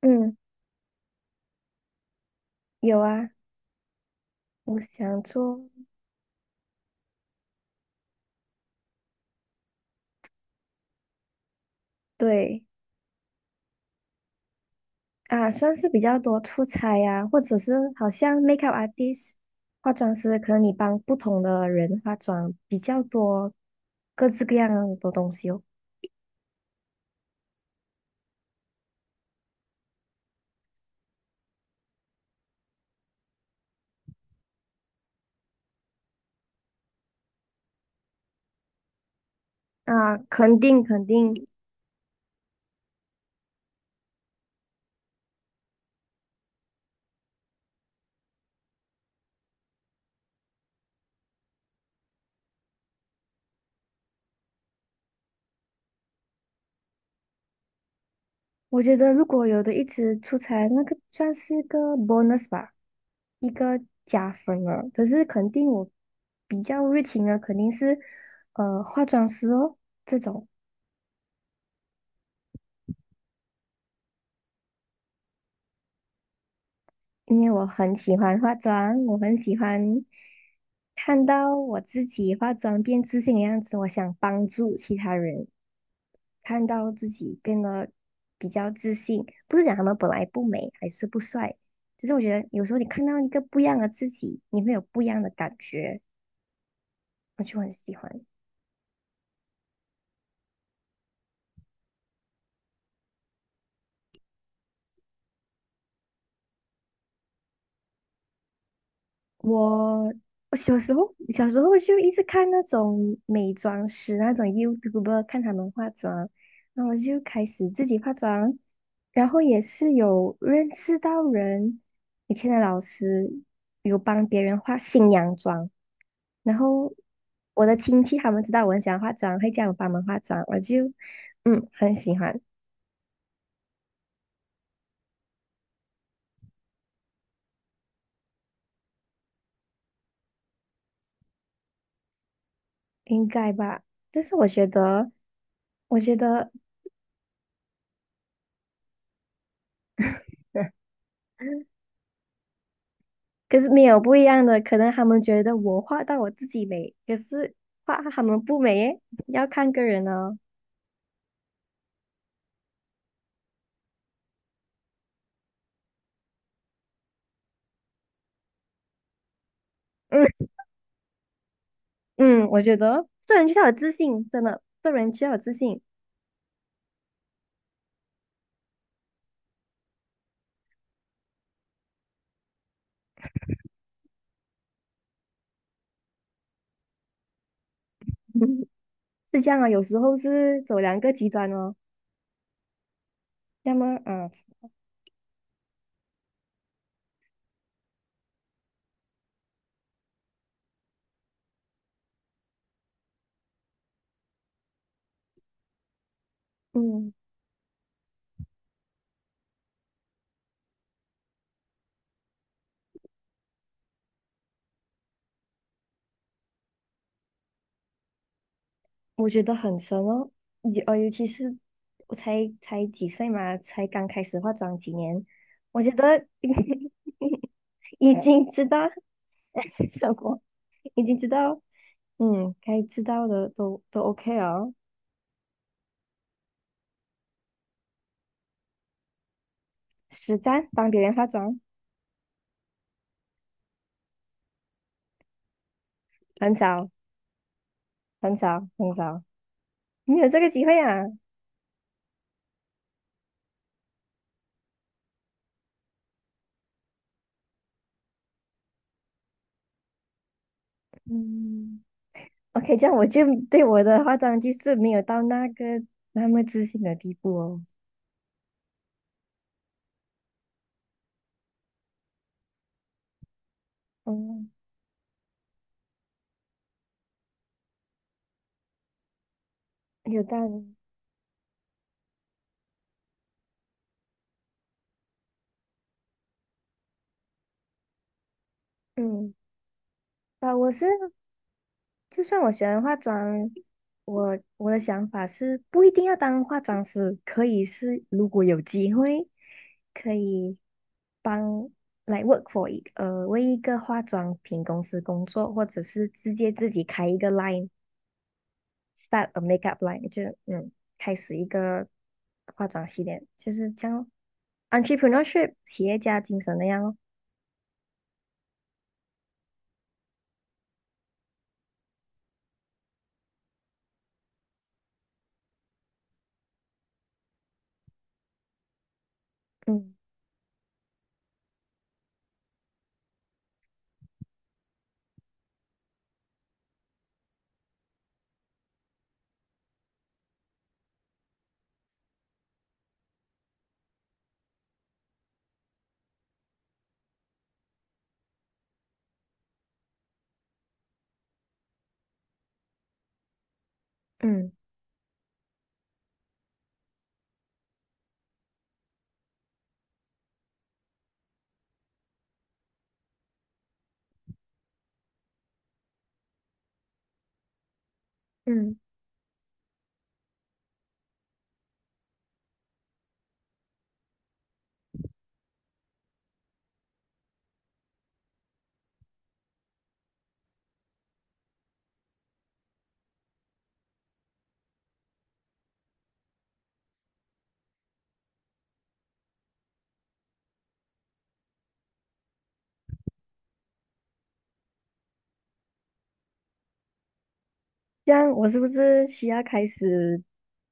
嗯，有啊，我想做，对啊，算是比较多出差呀、或者是好像 makeup artist 化妆师，可能你帮不同的人化妆比较多，各式各样的东西哦。啊，肯定肯定，我觉得如果有的一直出差，那个算是个 bonus 吧，一个加分了。可是肯定我比较热情的肯定是化妆师哦这种。因为我很喜欢化妆，我很喜欢看到我自己化妆变自信的样子，我想帮助其他人看到自己变得比较自信。不是讲他们本来不美还是不帅，只是我觉得有时候你看到一个不一样的自己，你会有不一样的感觉，我就很喜欢。我我小时候就一直看那种美妆师那种 YouTuber 看他们化妆，然后我就开始自己化妆，然后也是有认识到人，以前的老师有帮别人化新娘妆，然后我的亲戚他们知道我很喜欢化妆，会叫我帮忙化妆，我就嗯很喜欢，应该吧，但是我觉得我觉得。可是没有不一样的，可能他们觉得我画到我自己美，可是画他们不美耶，要看个人哦。嗯嗯，我觉得做人就是要有自信，真的，做人需要有自信，是这样啊。有时候是走两个极端哦，那么啊，嗯，我觉得很深哦，尤其是我才几岁嘛，才刚开始化妆几年，我觉得 已经知道 什么，已经知道，嗯，该知道的都 OK 哦。实战帮别人化妆，很少，很少，很少，你有这个机会啊。嗯，OK，这样我就对我的化妆技术没有到那个那么自信的地步哦。嗯，有道理。嗯，啊，我是就算我学完化妆，我的想法是不一定要当化妆师，可以是如果有机会，可以帮来 work for 为一个化妆品公司工作，或者是直接自己开一个 line，start a makeup line，就嗯开始一个化妆系列，就是这样咯，entrepreneurship 企业家精神那样哦，嗯嗯嗯。这样我是不是需要开始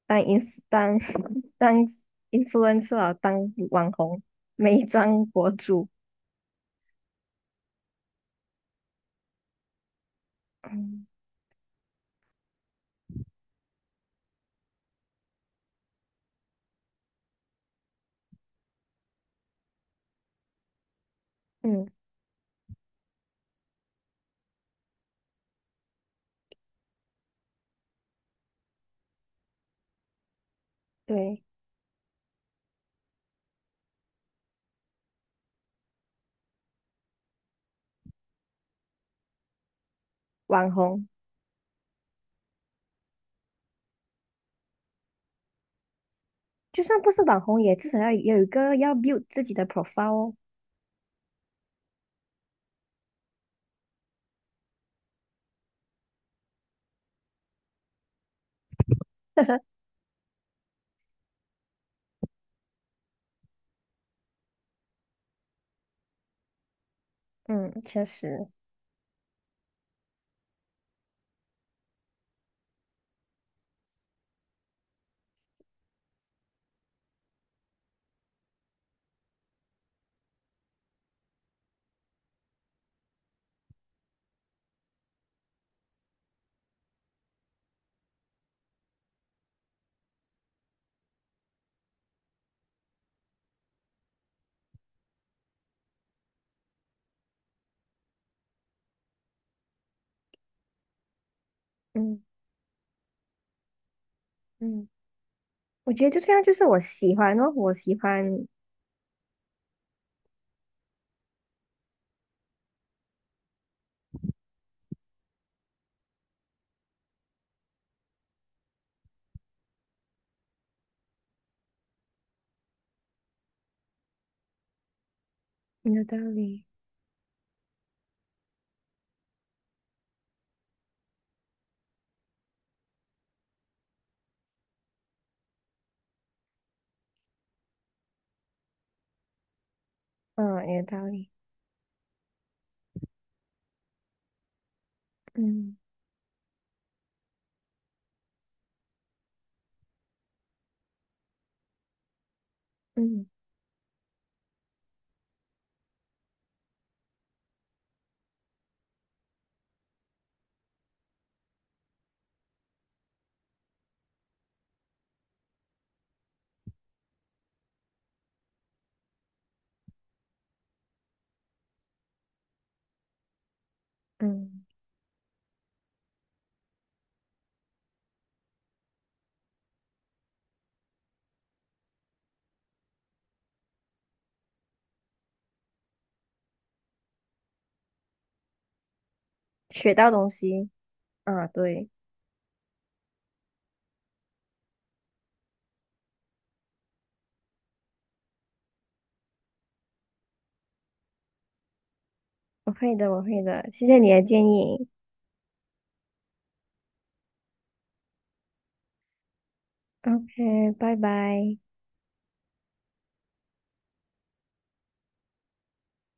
当 i n 当 当 influencer 啊当网红、美妆博主？嗯嗯，对，网红，就算不是网红，也至少要有一个要 build 自己的 profile 哦。嗯，确实，嗯嗯，我觉得就这样，就是我喜欢哦，我喜欢，有道理，嗯，有道理，嗯嗯嗯，学到东西，啊，对，我会的，我会的，谢谢你的建议。OK，拜拜。